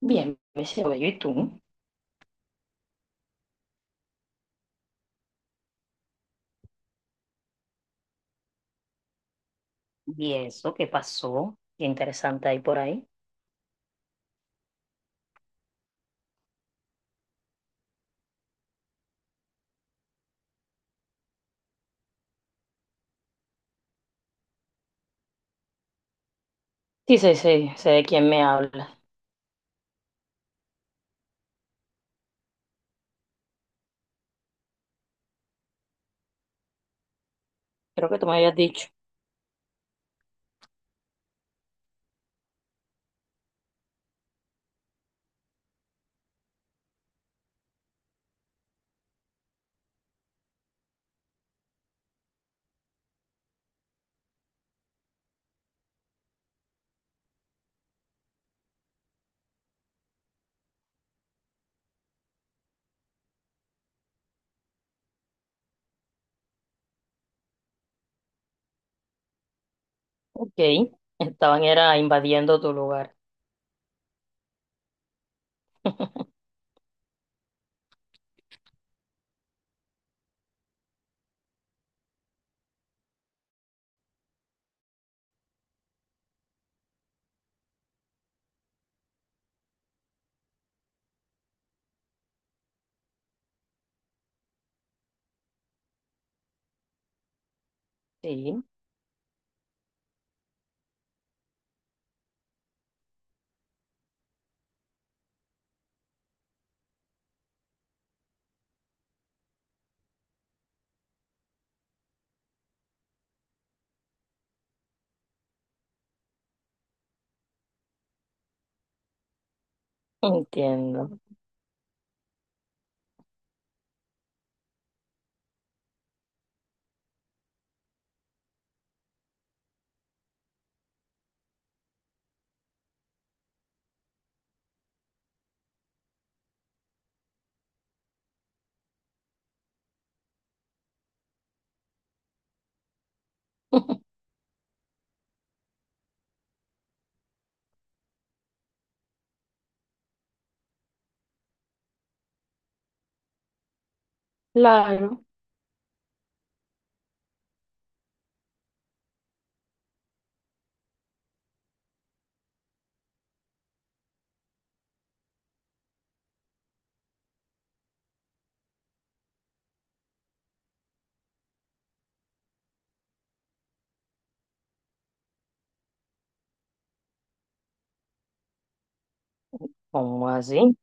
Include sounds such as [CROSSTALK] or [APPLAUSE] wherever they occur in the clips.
Bien, me llevo yo y tú. ¿Y eso qué pasó? Qué interesante ahí por ahí. Sí, sí, sí, sé de quién me habla. Creo que tú me habías dicho. Ok, estaban era invadiendo tu lugar. [LAUGHS] Sí, entiendo. [LAUGHS] Claro, ¿cómo así?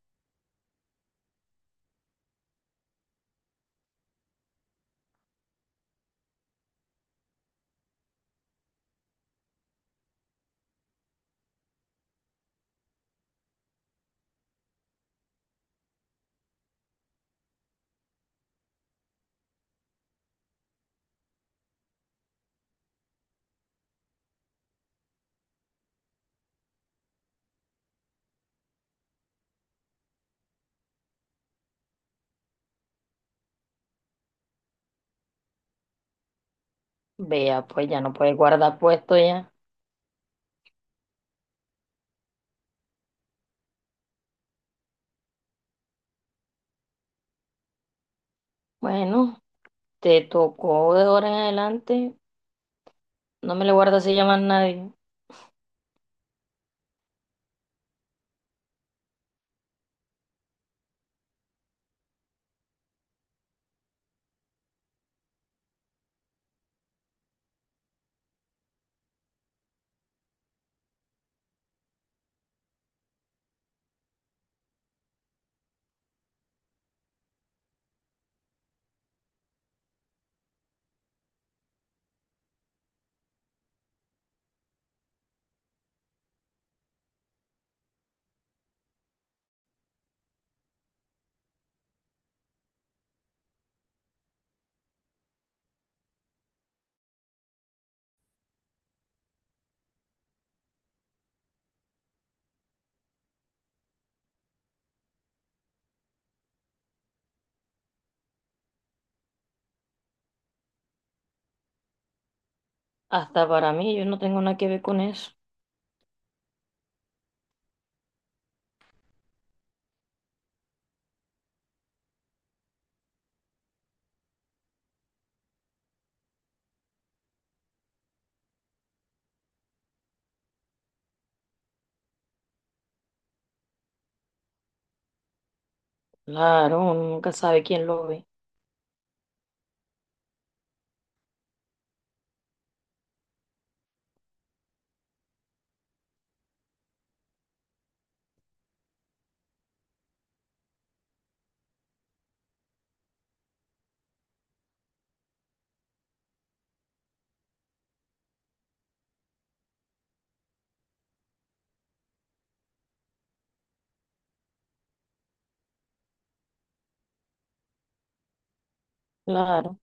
Vea, pues ya no puedes guardar puesto ya. Bueno, te tocó de ahora en adelante. No me le guardas se llama a nadie. Hasta para mí, yo no tengo nada que ver con eso. Claro, uno nunca sabe quién lo ve. Claro.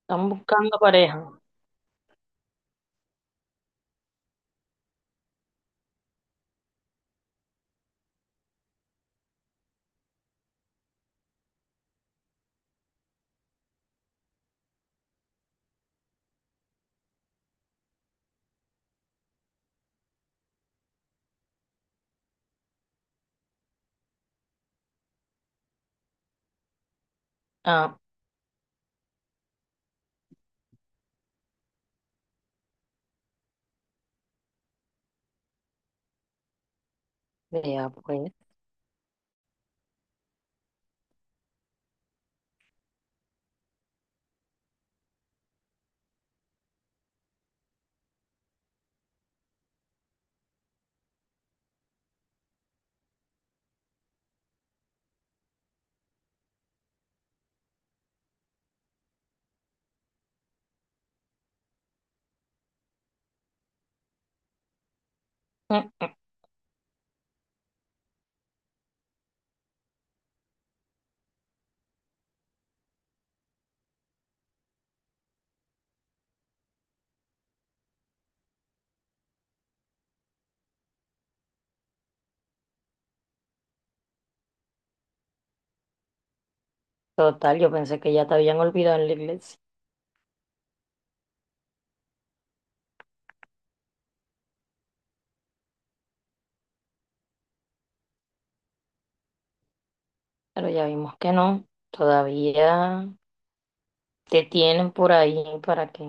Están buscando pareja. Ah, vea, pues. Mm, total, yo pensé que ya te habían olvidado en la iglesia, pero ya vimos que no. Todavía te tienen por ahí para que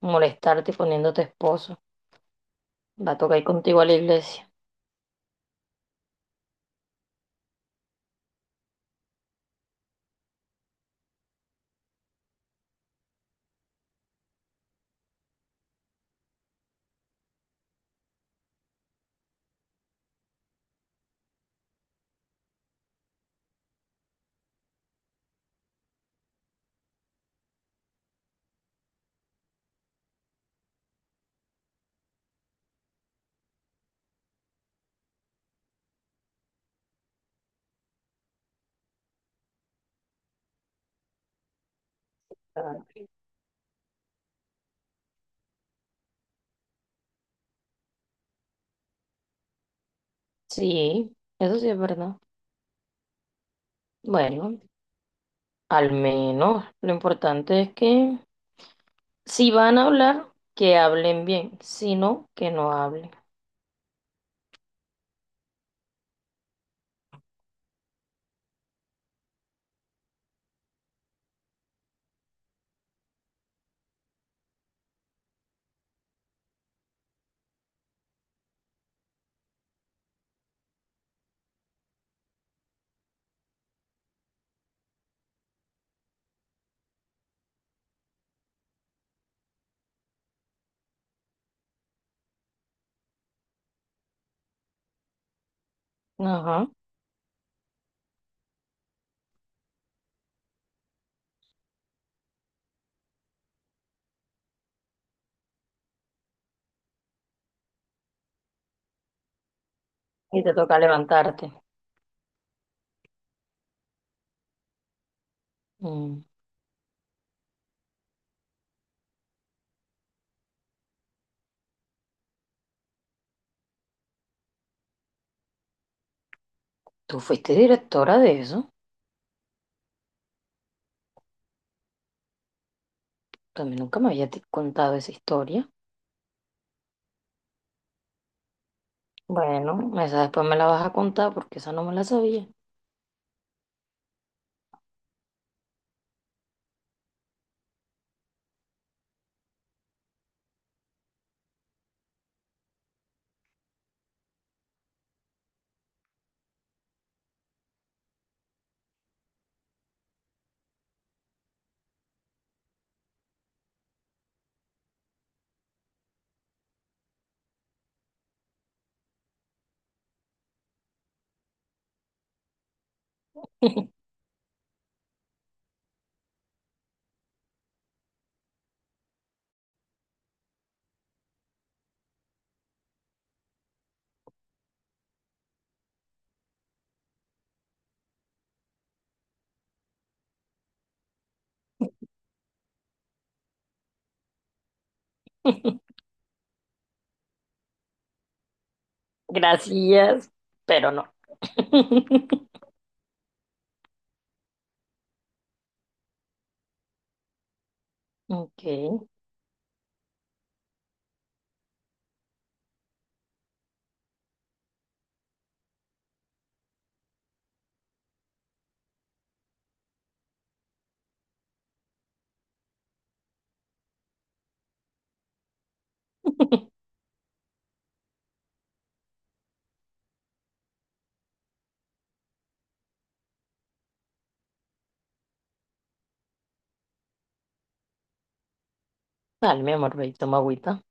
molestarte poniéndote esposo. Va a tocar ir contigo a la iglesia. Sí, eso sí es verdad. Bueno, al menos lo importante es que si van a hablar, que hablen bien, si no, que no hablen. Ajá. Y te toca levantarte. Mm. Tú fuiste directora de eso. También nunca me había contado esa historia. Bueno, esa después me la vas a contar porque esa no me la sabía. [LAUGHS] Gracias, pero no. [LAUGHS] Ok. Dale, mi amor, ve y toma agüita.